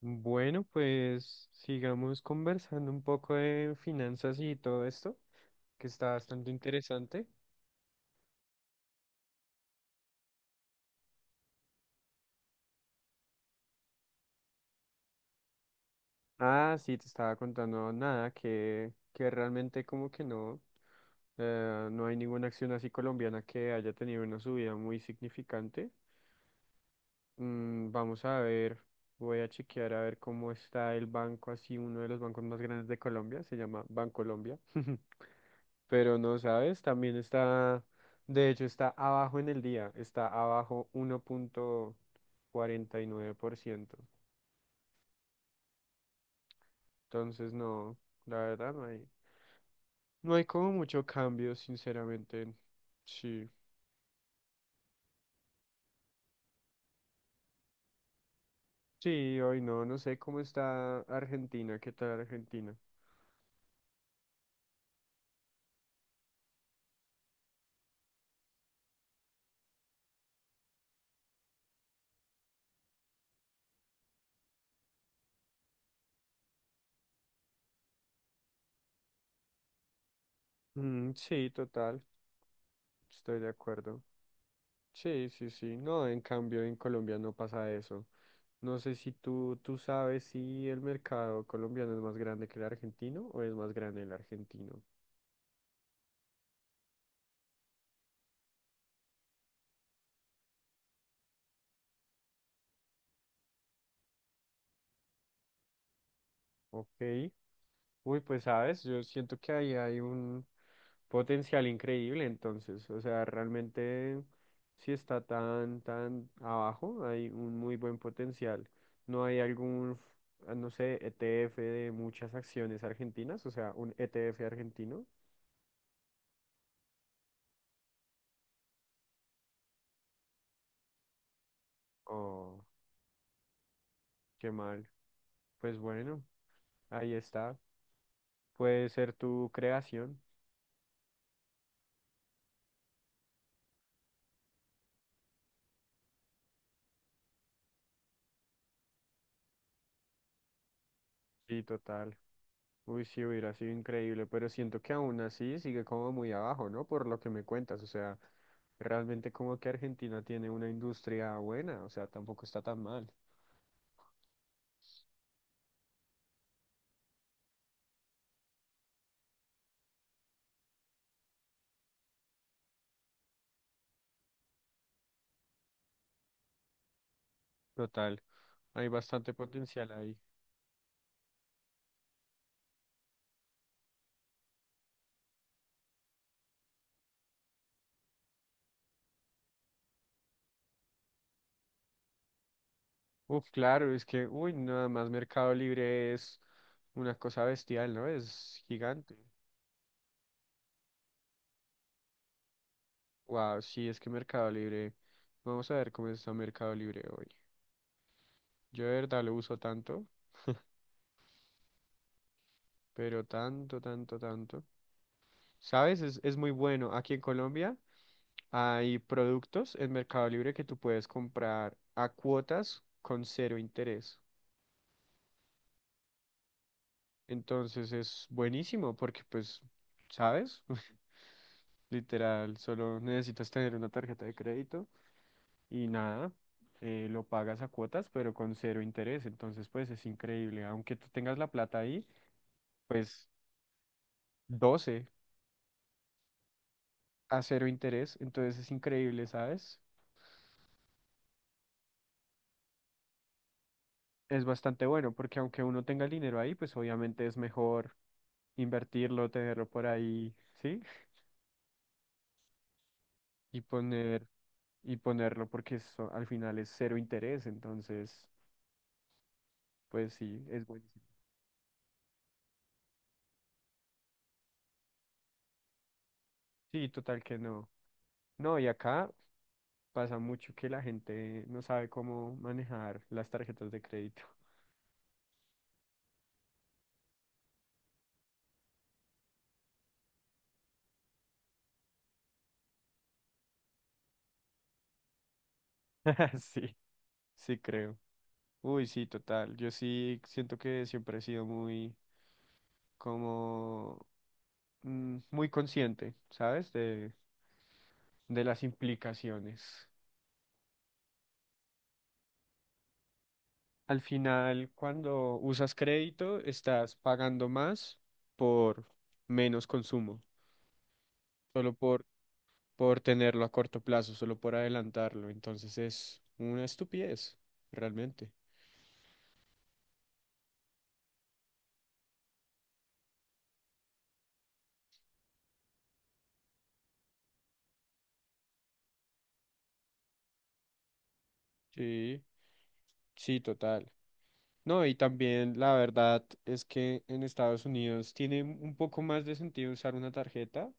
Bueno, pues sigamos conversando un poco de finanzas y todo esto, que está bastante interesante. Ah, sí, te estaba contando nada, que realmente como que no, no hay ninguna acción así colombiana que haya tenido una subida muy significante. Vamos a ver, voy a chequear a ver cómo está el banco, así uno de los bancos más grandes de Colombia, se llama Bancolombia. Pero no sabes, también está, de hecho está abajo en el día, está abajo 1,49%. Entonces no, la verdad no hay, no hay como mucho cambio, sinceramente. Sí. Sí, hoy no, no sé cómo está Argentina, qué tal Argentina. Mm, sí, total, estoy de acuerdo. Sí, sí, sí. No, en cambio en Colombia no pasa eso. No sé si tú sabes si el mercado colombiano es más grande que el argentino o es más grande el argentino. Ok. Uy, pues sabes, yo siento que ahí hay un potencial increíble entonces. O sea, realmente si está tan, tan abajo, hay un muy buen potencial. No hay algún, ah, no sé, ETF de muchas acciones argentinas, o sea, un ETF argentino. Oh, qué mal. Pues bueno, ahí está. Puede ser tu creación. Sí, total. Uy, sí, hubiera sido increíble, pero siento que aún así sigue como muy abajo, ¿no? Por lo que me cuentas, o sea, realmente como que Argentina tiene una industria buena, o sea, tampoco está tan mal. Total, hay bastante potencial ahí. Uf, claro, es que, uy, nada más Mercado Libre es una cosa bestial, ¿no? Es gigante. Wow, sí, es que Mercado Libre, vamos a ver cómo está Mercado Libre hoy. Yo de verdad lo uso tanto, pero tanto, tanto, tanto. ¿Sabes? Es muy bueno. Aquí en Colombia hay productos en Mercado Libre que tú puedes comprar a cuotas con cero interés. Entonces es buenísimo porque pues, ¿sabes? Literal, solo necesitas tener una tarjeta de crédito y nada, lo pagas a cuotas pero con cero interés. Entonces pues es increíble. Aunque tú tengas la plata ahí, pues 12 a cero interés. Entonces es increíble, ¿sabes? Es bastante bueno, porque aunque uno tenga el dinero ahí, pues obviamente es mejor invertirlo, tenerlo por ahí, ¿sí? Y poner, y ponerlo porque eso al final es cero interés, entonces, pues sí, es buenísimo. Sí, total que no. No, y acá pasa mucho que la gente no sabe cómo manejar las tarjetas de crédito. Sí, sí creo. Uy, sí, total. Yo sí siento que siempre he sido muy, como, muy consciente, ¿sabes? De las implicaciones. Al final, cuando usas crédito, estás pagando más por menos consumo, solo por tenerlo a corto plazo, solo por adelantarlo. Entonces es una estupidez, realmente. Sí, sí, total. No, y también la verdad es que en Estados Unidos tiene un poco más de sentido usar una tarjeta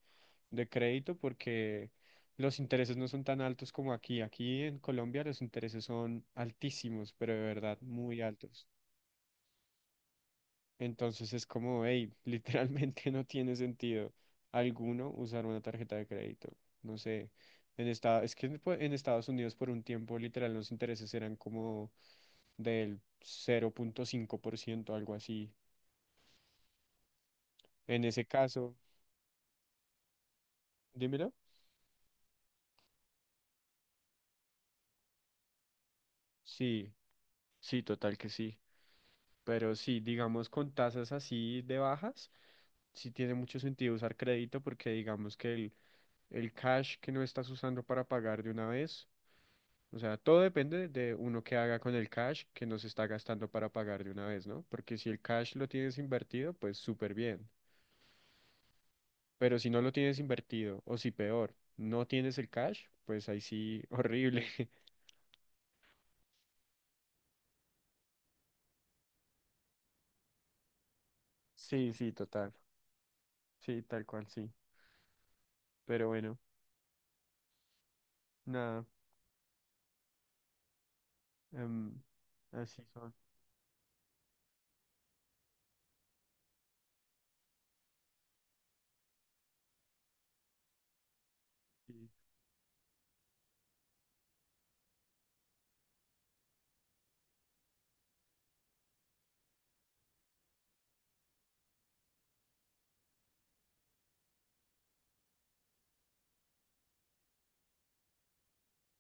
de crédito porque los intereses no son tan altos como aquí. Aquí en Colombia los intereses son altísimos, pero de verdad muy altos. Entonces es como, hey, literalmente no tiene sentido alguno usar una tarjeta de crédito. No sé, es que en pues, en Estados Unidos por un tiempo literal los intereses eran como del 0,5% algo así. En ese caso, dímelo. Sí, sí, total que sí. Pero sí, digamos con tasas así de bajas, sí tiene mucho sentido usar crédito porque digamos que el cash que no estás usando para pagar de una vez, o sea, todo depende de uno que haga con el cash que no se está gastando para pagar de una vez, ¿no? Porque si el cash lo tienes invertido, pues súper bien. Pero si no lo tienes invertido, o si peor, no tienes el cash, pues ahí sí, horrible. Sí, sí, total. Sí, tal cual, sí. Pero bueno, nada, em, así son.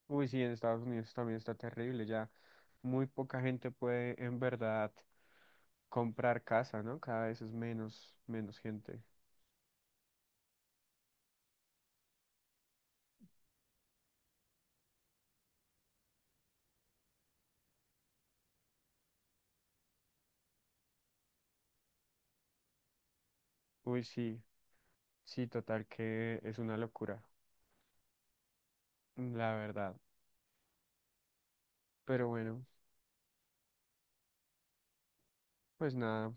Uy, sí, en Estados Unidos también está terrible, ya muy poca gente puede en verdad comprar casa, ¿no? Cada vez es menos, menos gente. Uy, sí, sí, total que es una locura, la verdad. Pero bueno, pues nada,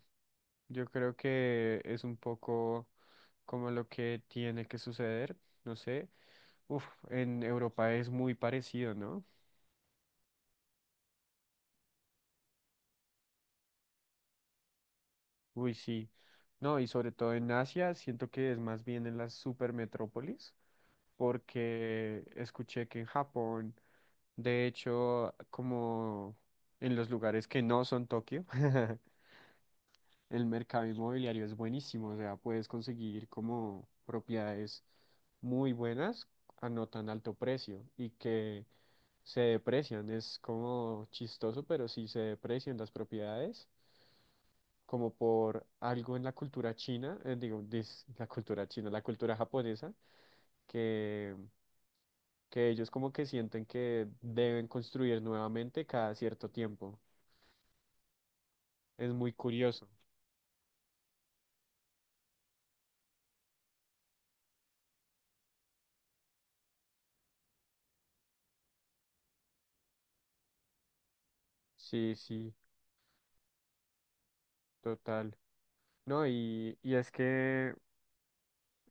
yo creo que es un poco como lo que tiene que suceder, no sé. Uf, en Europa es muy parecido, ¿no? Uy, sí. No, y sobre todo en Asia, siento que es más bien en las supermetrópolis, porque escuché que en Japón, de hecho, como en los lugares que no son Tokio, el mercado inmobiliario es buenísimo, o sea, puedes conseguir como propiedades muy buenas a no tan alto precio y que se deprecian, es como chistoso, pero sí se deprecian las propiedades como por algo en la cultura china, digo, la cultura china, la cultura japonesa, que, que ellos como que sienten que deben construir nuevamente cada cierto tiempo. Es muy curioso. Sí, sí, total. No, y es que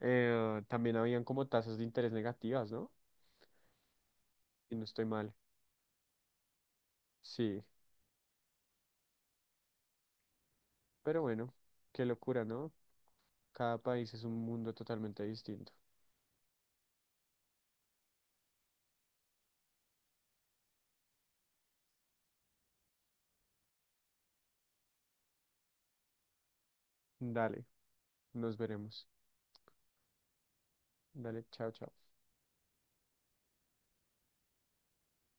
también habían como tasas de interés negativas, ¿no? Y no estoy mal. Sí, pero bueno, qué locura, ¿no? Cada país es un mundo totalmente distinto. Dale, nos veremos. Dale, chao, chao.